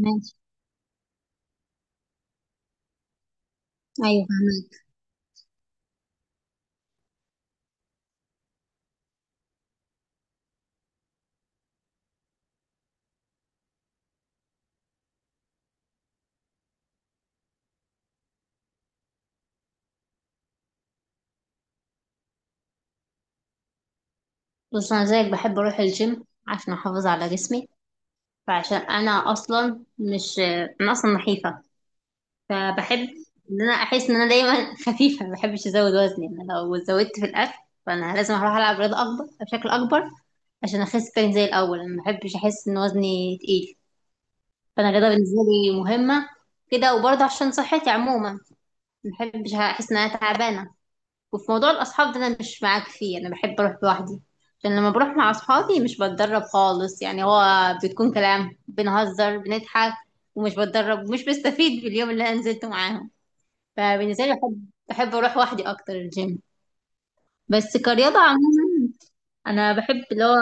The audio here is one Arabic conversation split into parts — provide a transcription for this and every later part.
ماشي. ايوه، فهمت. بص، انا زيك بحب اروح الجيم عشان احافظ على جسمي، فعشان انا اصلا مش انا اصلا نحيفه، فبحب ان انا احس ان انا دايما خفيفه. ما بحبش ازود وزني. انا لو زودت في الاكل فانا لازم اروح العب رياضه اكبر عشان اخس تاني زي الاول. انا ما بحبش احس ان وزني تقيل، فانا الرياضه بالنسبه لي مهمه كده، وبرضه عشان صحتي عموما ما بحبش احس ان انا تعبانه. وفي موضوع الأصحاب ده أنا مش معاك فيه، أنا بحب أروح لوحدي، عشان لما بروح مع أصحابي مش بتدرب خالص، يعني هو بتكون كلام، بنهزر، بنضحك، ومش بتدرب ومش بستفيد باليوم اللي أنا نزلته معاهم. فبالنسبة لي بحب أروح وحدي أكتر الجيم. بس كرياضة عموما أنا بحب اللي هو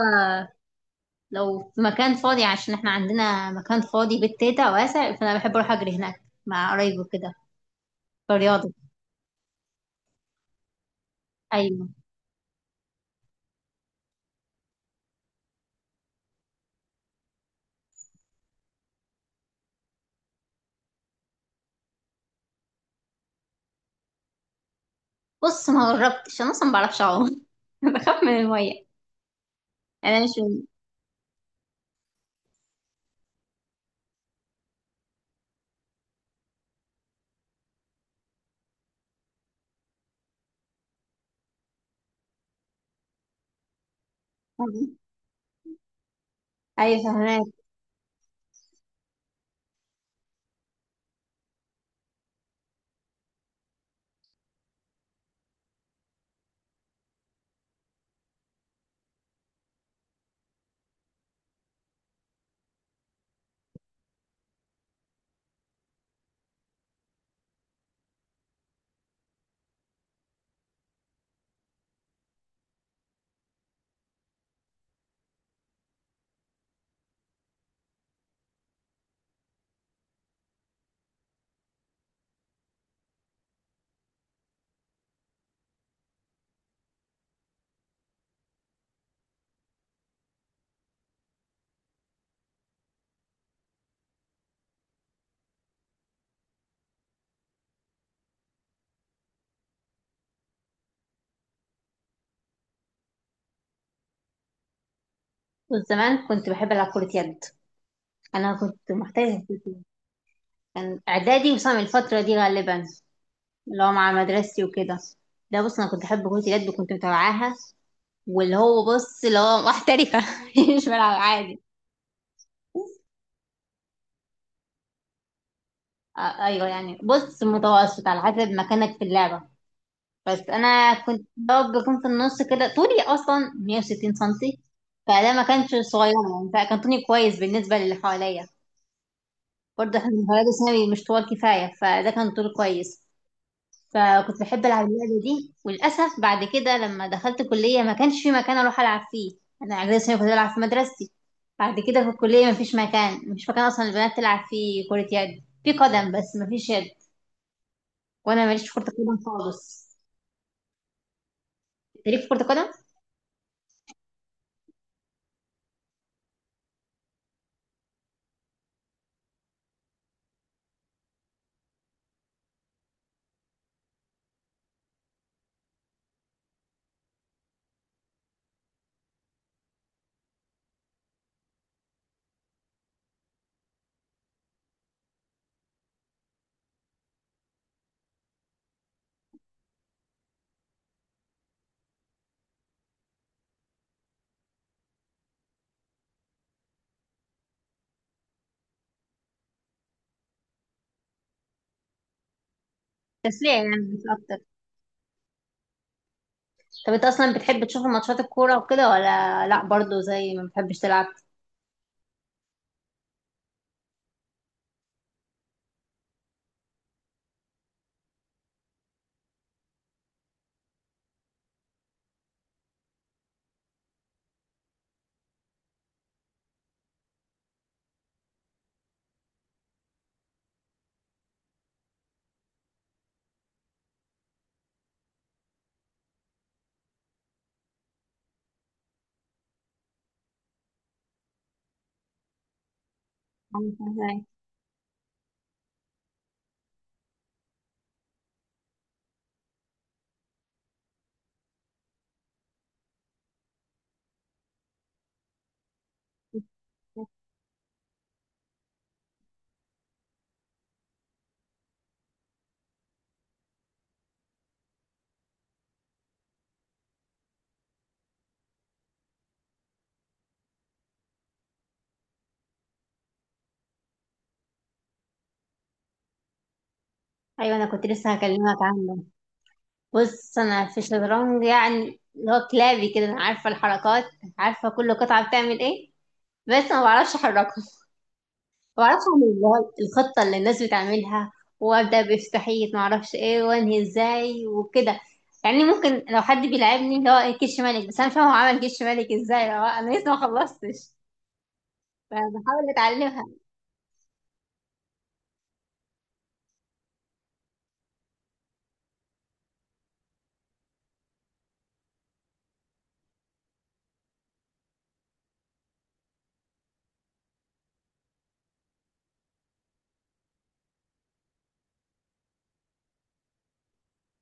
لو في مكان فاضي، عشان احنا عندنا مكان فاضي بيت تيتا واسع، فأنا بحب أروح أجري هناك مع قرايبي كده، كرياضة. أيوة. بص، ما جربتش، أنا أصلا ما بعرفش أعوم بخاف من المية، يعني انا مش من... ايوه، فهماك. وزمان كنت بحب العب كرة يد، انا كنت محترفة في كرة يد. كان اعدادي وصام الفترة دي غالبا، اللي هو مع مدرستي وكده. ده بص، انا كنت احب كرة اليد وكنت متابعاها، واللي هو بص اللي هو محترفة مش بلعب عادي. آه، ايوه، يعني بص متوسط على حسب مكانك في اللعبة، بس انا كنت بقى بكون في النص كده، طولي اصلا 160 سم سنتي، فده ما كانش صغير يعني، فكان طولي كويس بالنسبة للي حواليا. برضه احنا المدرج الثانوي مش طوال كفاية، فده كان طول كويس. فكنت بحب ألعب اللعبة دي، وللأسف بعد كده لما دخلت كلية ما كانش في مكان أروح ألعب فيه. أنا إعدادي ثانوي كنت بلعب في مدرستي، بعد كده في الكلية ما فيش مكان، مش مكان أصلا البنات تلعب فيه كرة يد، في قدم بس ما فيش يد، وأنا ماليش في كرة القدم خالص. أنت ليك في كرة القدم، تسلية يعني مش أكتر. طب أنت أصلا بتحب تشوف ماتشات الكورة وكده ولا لأ، برضه زي ما بتحبش تلعب؟ أيوة، أنا كنت لسه هكلمك عنه. بص انا في الشطرنج يعني اللي هو كلابي كده، انا عارفه الحركات، عارفه كل قطعه بتعمل ايه، بس ما بعرفش احركها، ما بعرفش اعمل اللي هو الخطه اللي الناس بتعملها، وابدا بافتحيه ما اعرفش ايه وانهي ازاي وكده. يعني ممكن لو حد بيلعبني اللي هو إيه، كش ملك، بس انا مش فاهمه هو عمل كش ملك ازاي، هو انا لسه ما خلصتش، فبحاول اتعلمها.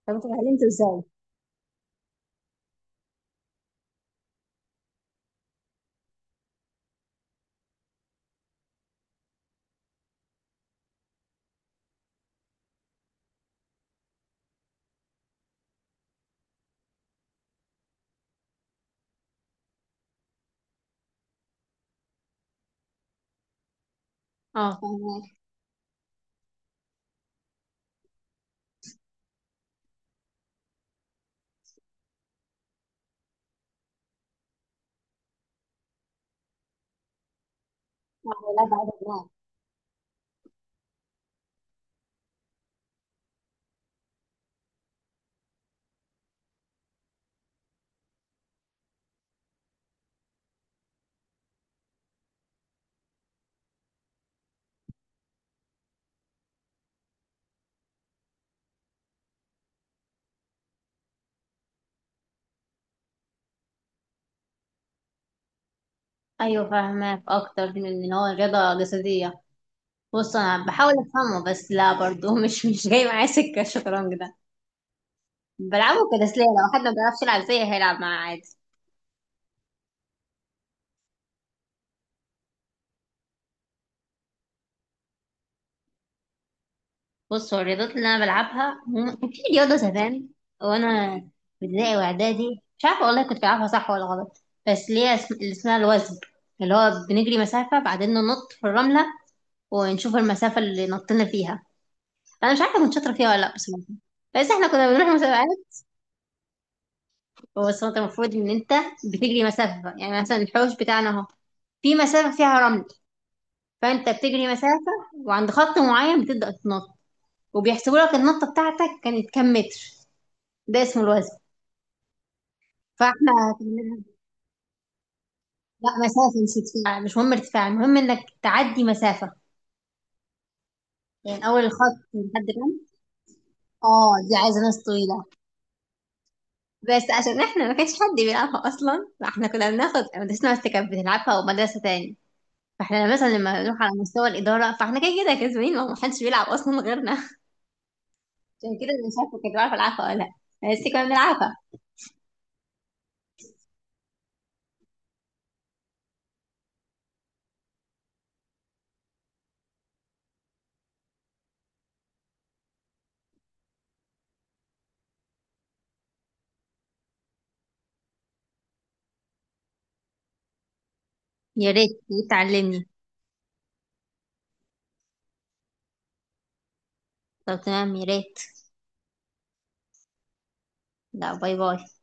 طب انت اتعلمته ازاي؟ اه، فاهمك. لا، لا، بعد ما- ايوه، فاهمك اكتر من ان هو رياضه جسديه. بص انا بحاول افهمه بس لا، برضه مش جاي معايا سكه الشطرنج ده. بلعبه كتسليه، لو حد ما بيعرفش يلعب زيي هيلعب معاه عادي. بص هو الرياضات اللي انا بلعبها هم- كان في رياضه زمان وانا في ابتدائي واعدادي، مش عارفه والله كنت بلعبها صح ولا غلط، بس ليها اسم اللي اسمها الوزن، اللي هو بنجري مسافه بعدين ننط في الرمله، ونشوف المسافه اللي نطينا فيها. انا مش عارفه كنت شاطره فيها ولا لا بصراحه، بس احنا كنا بنروح مسابقات. بس هو انت المفروض ان انت بتجري مسافه، يعني مثلا الحوش بتاعنا اهو، في مسافة فيها رمل، فأنت بتجري مسافة وعند خط معين بتبدأ تنط، وبيحسبوا لك النطة بتاعتك كانت كام متر. ده اسمه الوزن. فاحنا هتعملها- لا، مسافة مش ارتفاع، مش مهم ارتفاع، المهم انك تعدي مسافة. يعني أول الخط لحد الرمل. اه، دي عايزة ناس طويلة، بس عشان احنا ما كانش حد بيلعبها أصلا، فاحنا كنا بناخد مدرستنا بس كانت بتلعبها ومدرسة تاني، فاحنا مثلا لما نروح على مستوى الإدارة فاحنا كده كسبانين، ما حدش بيلعب أصلا غيرنا عشان كده انا مش عارفه كنت بعرف العبها ولا لا، بس كنا بنلعبها. يا ريت، تعلمني. طب تمام، يا ريت. لا، باي باي.